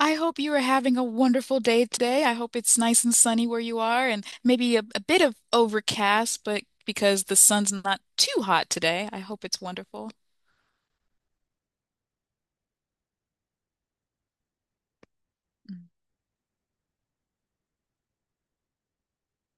I hope you are having a wonderful day today. I hope it's nice and sunny where you are, and maybe a bit of overcast, but because the sun's not too hot today, I hope it's wonderful.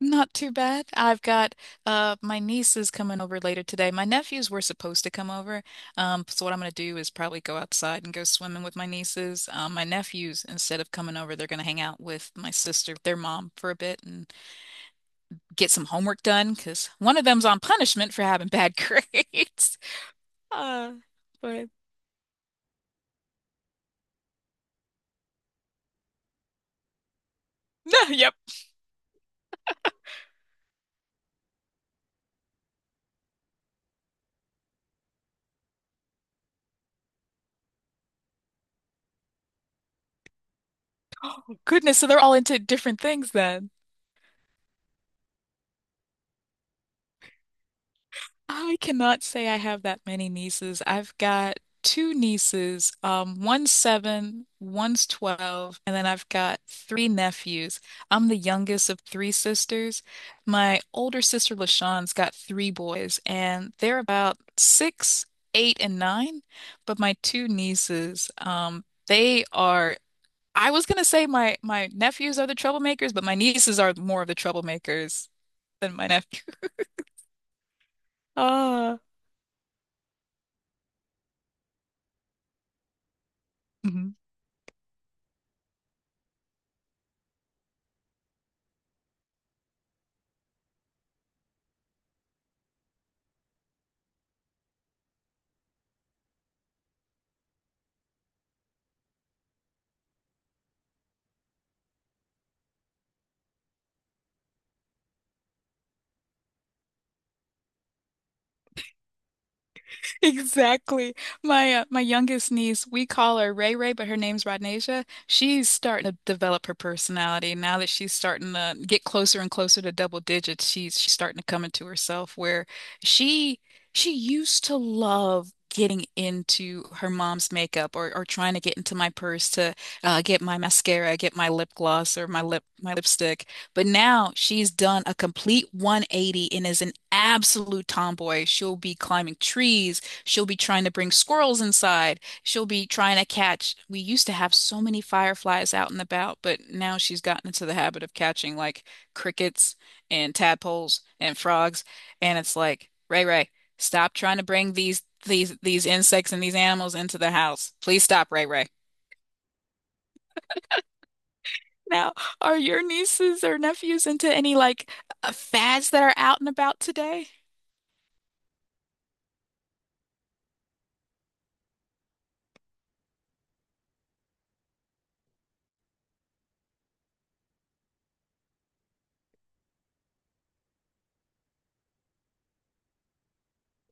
Not too bad. I've got my niece is coming over later today. My nephews were supposed to come over. So what I'm gonna do is probably go outside and go swimming with my nieces. My nephews, instead of coming over, they're gonna hang out with my sister, their mom, for a bit and get some homework done because one of them's on punishment for having bad grades. Uh, but no, yep. Goodness, so they're all into different things then. I cannot say I have that many nieces. I've got two nieces, one's seven, one's 12, and then I've got three nephews. I'm the youngest of three sisters. My older sister, LaShawn's got three boys, and they're about six, eight, and nine. But my two nieces, they are. I was gonna say my nephews are the troublemakers, but my nieces are more of the troublemakers than my nephew. Ah. Mhm. Exactly. My my youngest niece, we call her Ray Ray, but her name's Rodnasia. She's starting to develop her personality now that she's starting to get closer and closer to double digits. She's starting to come into herself where she she used to love getting into her mom's makeup or trying to get into my purse to get my mascara, get my lip gloss or my lipstick. But now she's done a complete 180 and is an absolute tomboy. She'll be climbing trees. She'll be trying to bring squirrels inside. She'll be trying to catch. We used to have so many fireflies out and about, but now she's gotten into the habit of catching like crickets and tadpoles and frogs. And it's like, Ray Ray, stop trying to bring these insects and these animals into the house. Please stop, Ray Ray. Now, are your nieces or nephews into any like fads that are out and about today?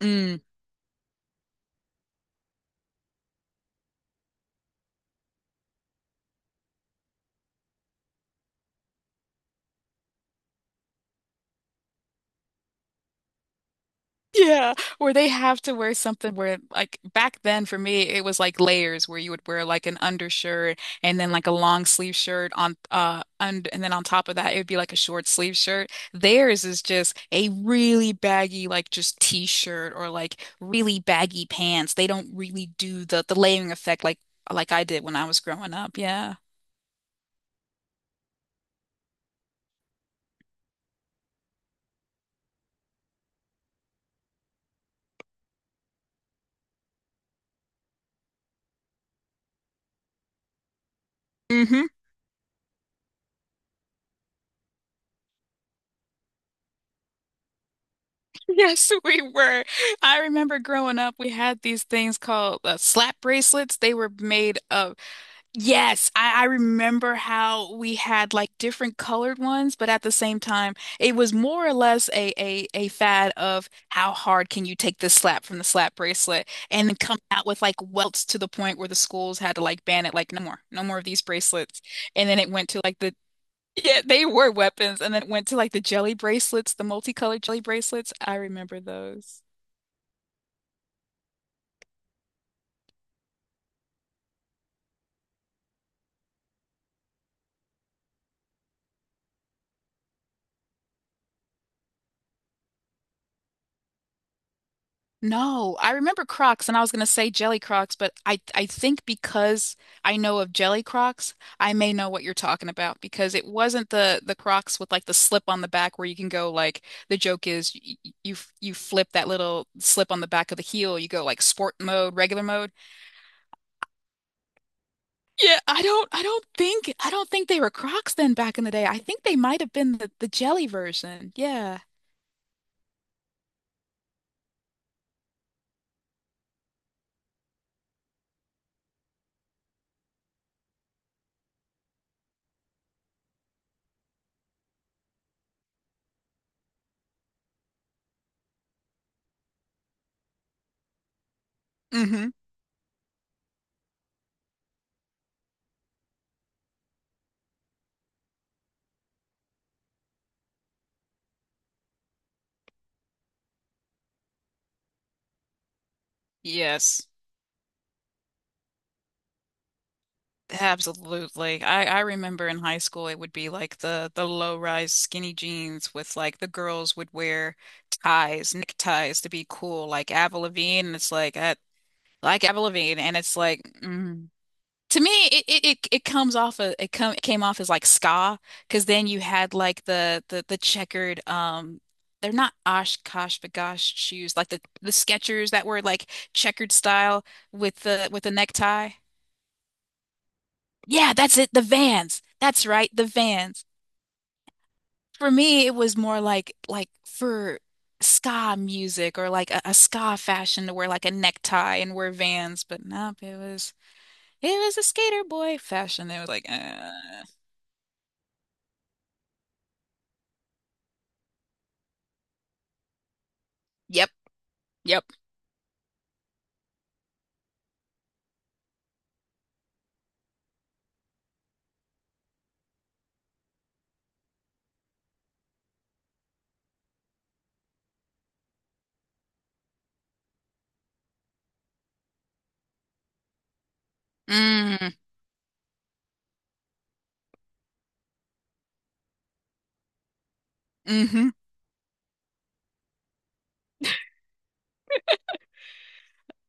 Mm. Yeah, where they have to wear something where like back then for me it was like layers where you would wear like an undershirt and then like a long sleeve shirt on, und and then on top of that it would be like a short sleeve shirt. Theirs is just a really baggy like just t-shirt or like really baggy pants. They don't really do the layering effect like I did when I was growing up. Yeah. Hmm. Yes, we were. I remember growing up, we had these things called slap bracelets. They were made of. Yes, I remember how we had like different colored ones, but at the same time, it was more or less a fad of how hard can you take this slap from the slap bracelet and then come out with like welts to the point where the schools had to like ban it, like no more, no more of these bracelets. And then it went to like the. Yeah, they were weapons, and then it went to like the jelly bracelets, the multicolored jelly bracelets. I remember those. No, I remember Crocs and I was going to say Jelly Crocs, but I think because I know of Jelly Crocs, I may know what you're talking about because it wasn't the Crocs with like the slip on the back where you can go like the joke is you you flip that little slip on the back of the heel, you go like sport mode, regular mode. Yeah, I don't think they were Crocs then back in the day. I think they might have been the jelly version. Yeah. Mm-hmm. Yes. Absolutely. I remember in high school it would be like the low-rise skinny jeans with like the girls would wear ties, neckties to be cool, like Avril Lavigne, and it's like I like Avril Lavigne, and it's like mm. To me, it comes off of, it came off as like ska, because then you had like the checkered they're not Oshkosh bagosh shoes like the Skechers that were like checkered style with the necktie. Yeah, that's it. The Vans. That's right, the Vans. For me, it was more like for ska music or like a ska fashion to wear like a necktie and wear Vans. But nope, it was a skater boy fashion. It was like, yep, yep, mm, mm-hmm.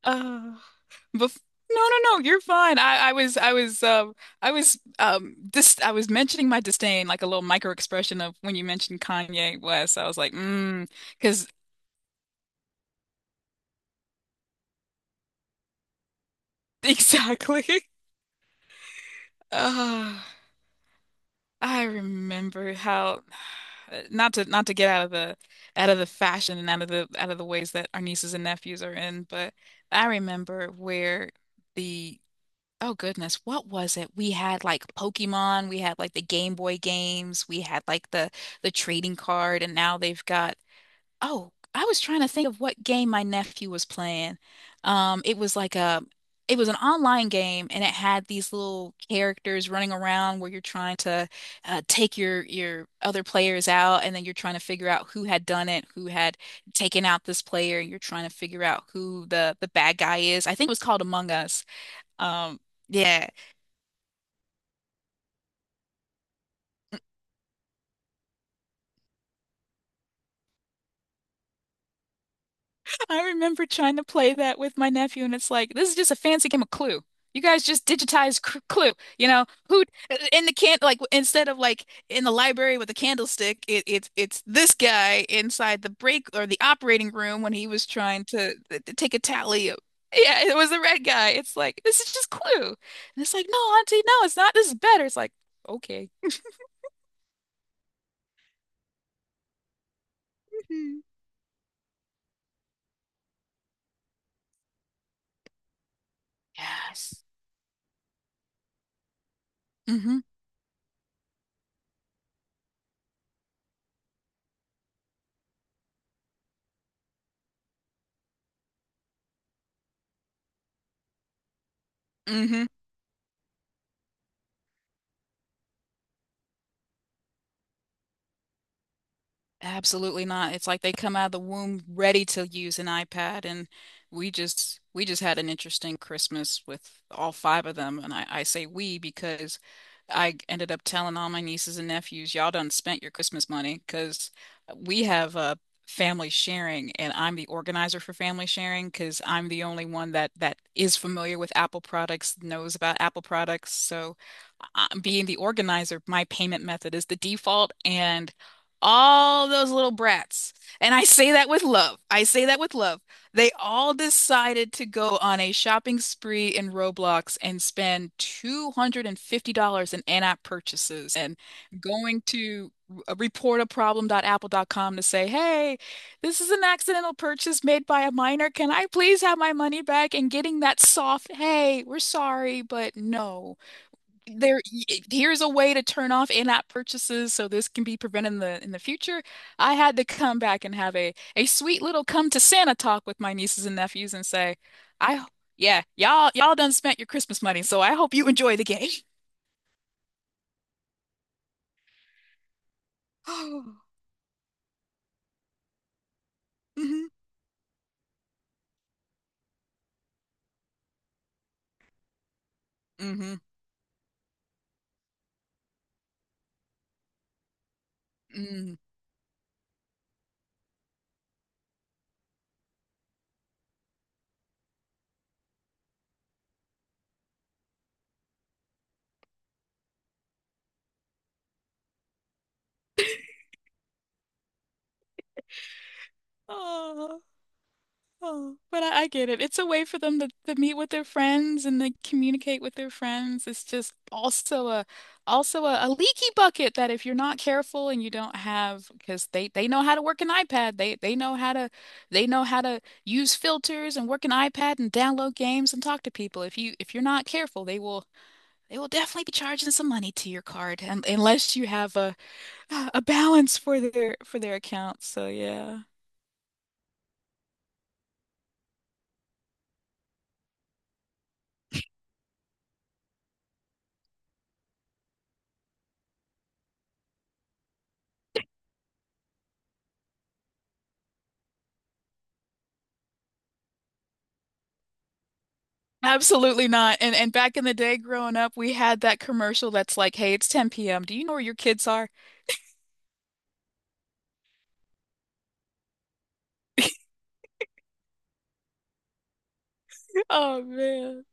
Oh, bef no, no, no, you're fine. I was mentioning my disdain, like a little micro expression of when you mentioned Kanye West. I was like, mm. Because. Exactly. Ah, I remember how, not to get out of the fashion and out of the ways that our nieces and nephews are in, but I remember where the oh goodness, what was it? We had like Pokemon, we had like the Game Boy games, we had like the trading card, and now they've got. Oh, I was trying to think of what game my nephew was playing. It was like it was an online game, and it had these little characters running around where you're trying to take your other players out, and then you're trying to figure out who had done it, who had taken out this player, and you're trying to figure out who the bad guy is. I think it was called Among Us. Um, yeah, I remember trying to play that with my nephew, and it's like, this is just a fancy game of Clue. You guys just digitized cr Clue, you know, who in the can like instead of like in the library with a candlestick, it's this guy inside the break or the operating room when he was trying to, take a tally of. Yeah, it was the red guy. It's like this is just Clue, and it's like no, Auntie, no, it's not. This is better. It's like okay. Mhm. Yes, mm-hmm, mm-hmm. Absolutely not. It's like they come out of the womb ready to use an iPad, and we just had an interesting Christmas with all five of them. And I say we because I ended up telling all my nieces and nephews, y'all done spent your Christmas money because we have a family sharing, and I'm the organizer for family sharing because I'm the only one that is familiar with Apple products, knows about Apple products. So, being the organizer, my payment method is the default, and all those little brats, and I say that with love. I say that with love. They all decided to go on a shopping spree in Roblox and spend $250 in in-app purchases and going to reportaproblem.apple.com to say, "Hey, this is an accidental purchase made by a minor. Can I please have my money back?" And getting that soft, "Hey, we're sorry, but no." there Here's a way to turn off in-app purchases so this can be prevented in the future. I had to come back and have a sweet little come to Santa talk with my nieces and nephews and say, I yeah, y'all done spent your Christmas money, so I hope you enjoy the game. Mm-hmm. Mm-hmm. Mm. Oh. Oh, but I get it. It's a way for them to, meet with their friends and they communicate with their friends. It's just also a leaky bucket that if you're not careful and you don't have because they know how to work an iPad. They know how to use filters and work an iPad and download games and talk to people. If you're not careful, they will definitely be charging some money to your card and, unless you have a balance for their account. So yeah. Absolutely not. And back in the day growing up, we had that commercial that's like, "Hey, it's 10 p.m. Do you know where your kids are?" Oh man.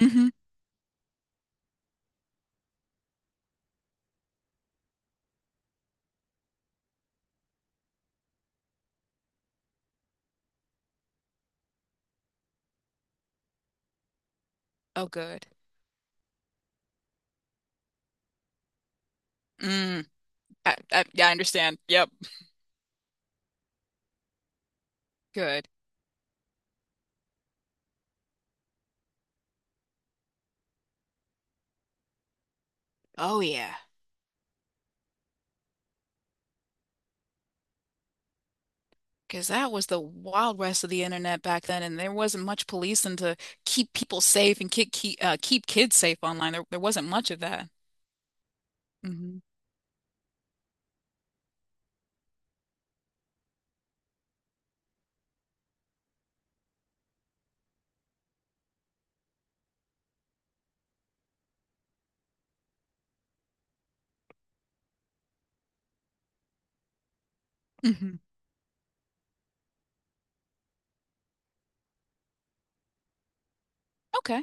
Hmm. Oh, good. Mm. Yeah, I understand. Yep. Good. Oh yeah. Because that was the wild west of the internet back then, and there wasn't much policing to keep people safe and keep kids safe online. There wasn't much of that. Hmm. Hmm. Okay.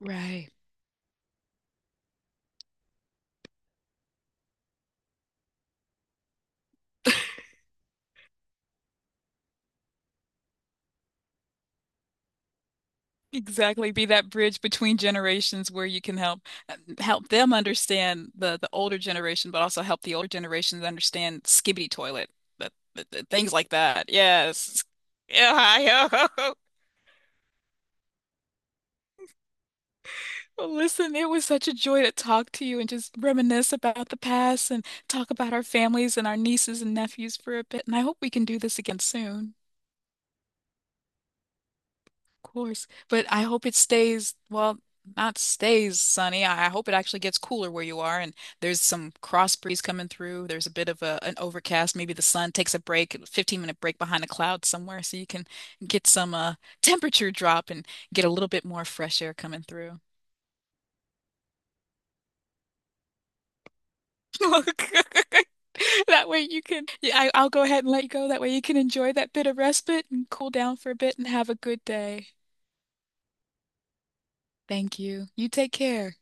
Right. Exactly, be that bridge between generations where you can help help them understand the older generation, but also help the older generations understand skibbity toilet, the things like that. Yes. Yeah. Well, listen, it was such a joy to talk to you and just reminisce about the past and talk about our families and our nieces and nephews for a bit. And I hope we can do this again soon. Of course. But I hope it stays, well, not stays sunny. I hope it actually gets cooler where you are and there's some cross breeze coming through. There's a bit of an overcast. Maybe the sun takes a break, a 15-minute break behind a cloud somewhere so you can get some temperature drop and get a little bit more fresh air coming through. Look, that way you can, yeah, I'll go ahead and let you go. That way you can enjoy that bit of respite and cool down for a bit and have a good day. Thank you. You take care.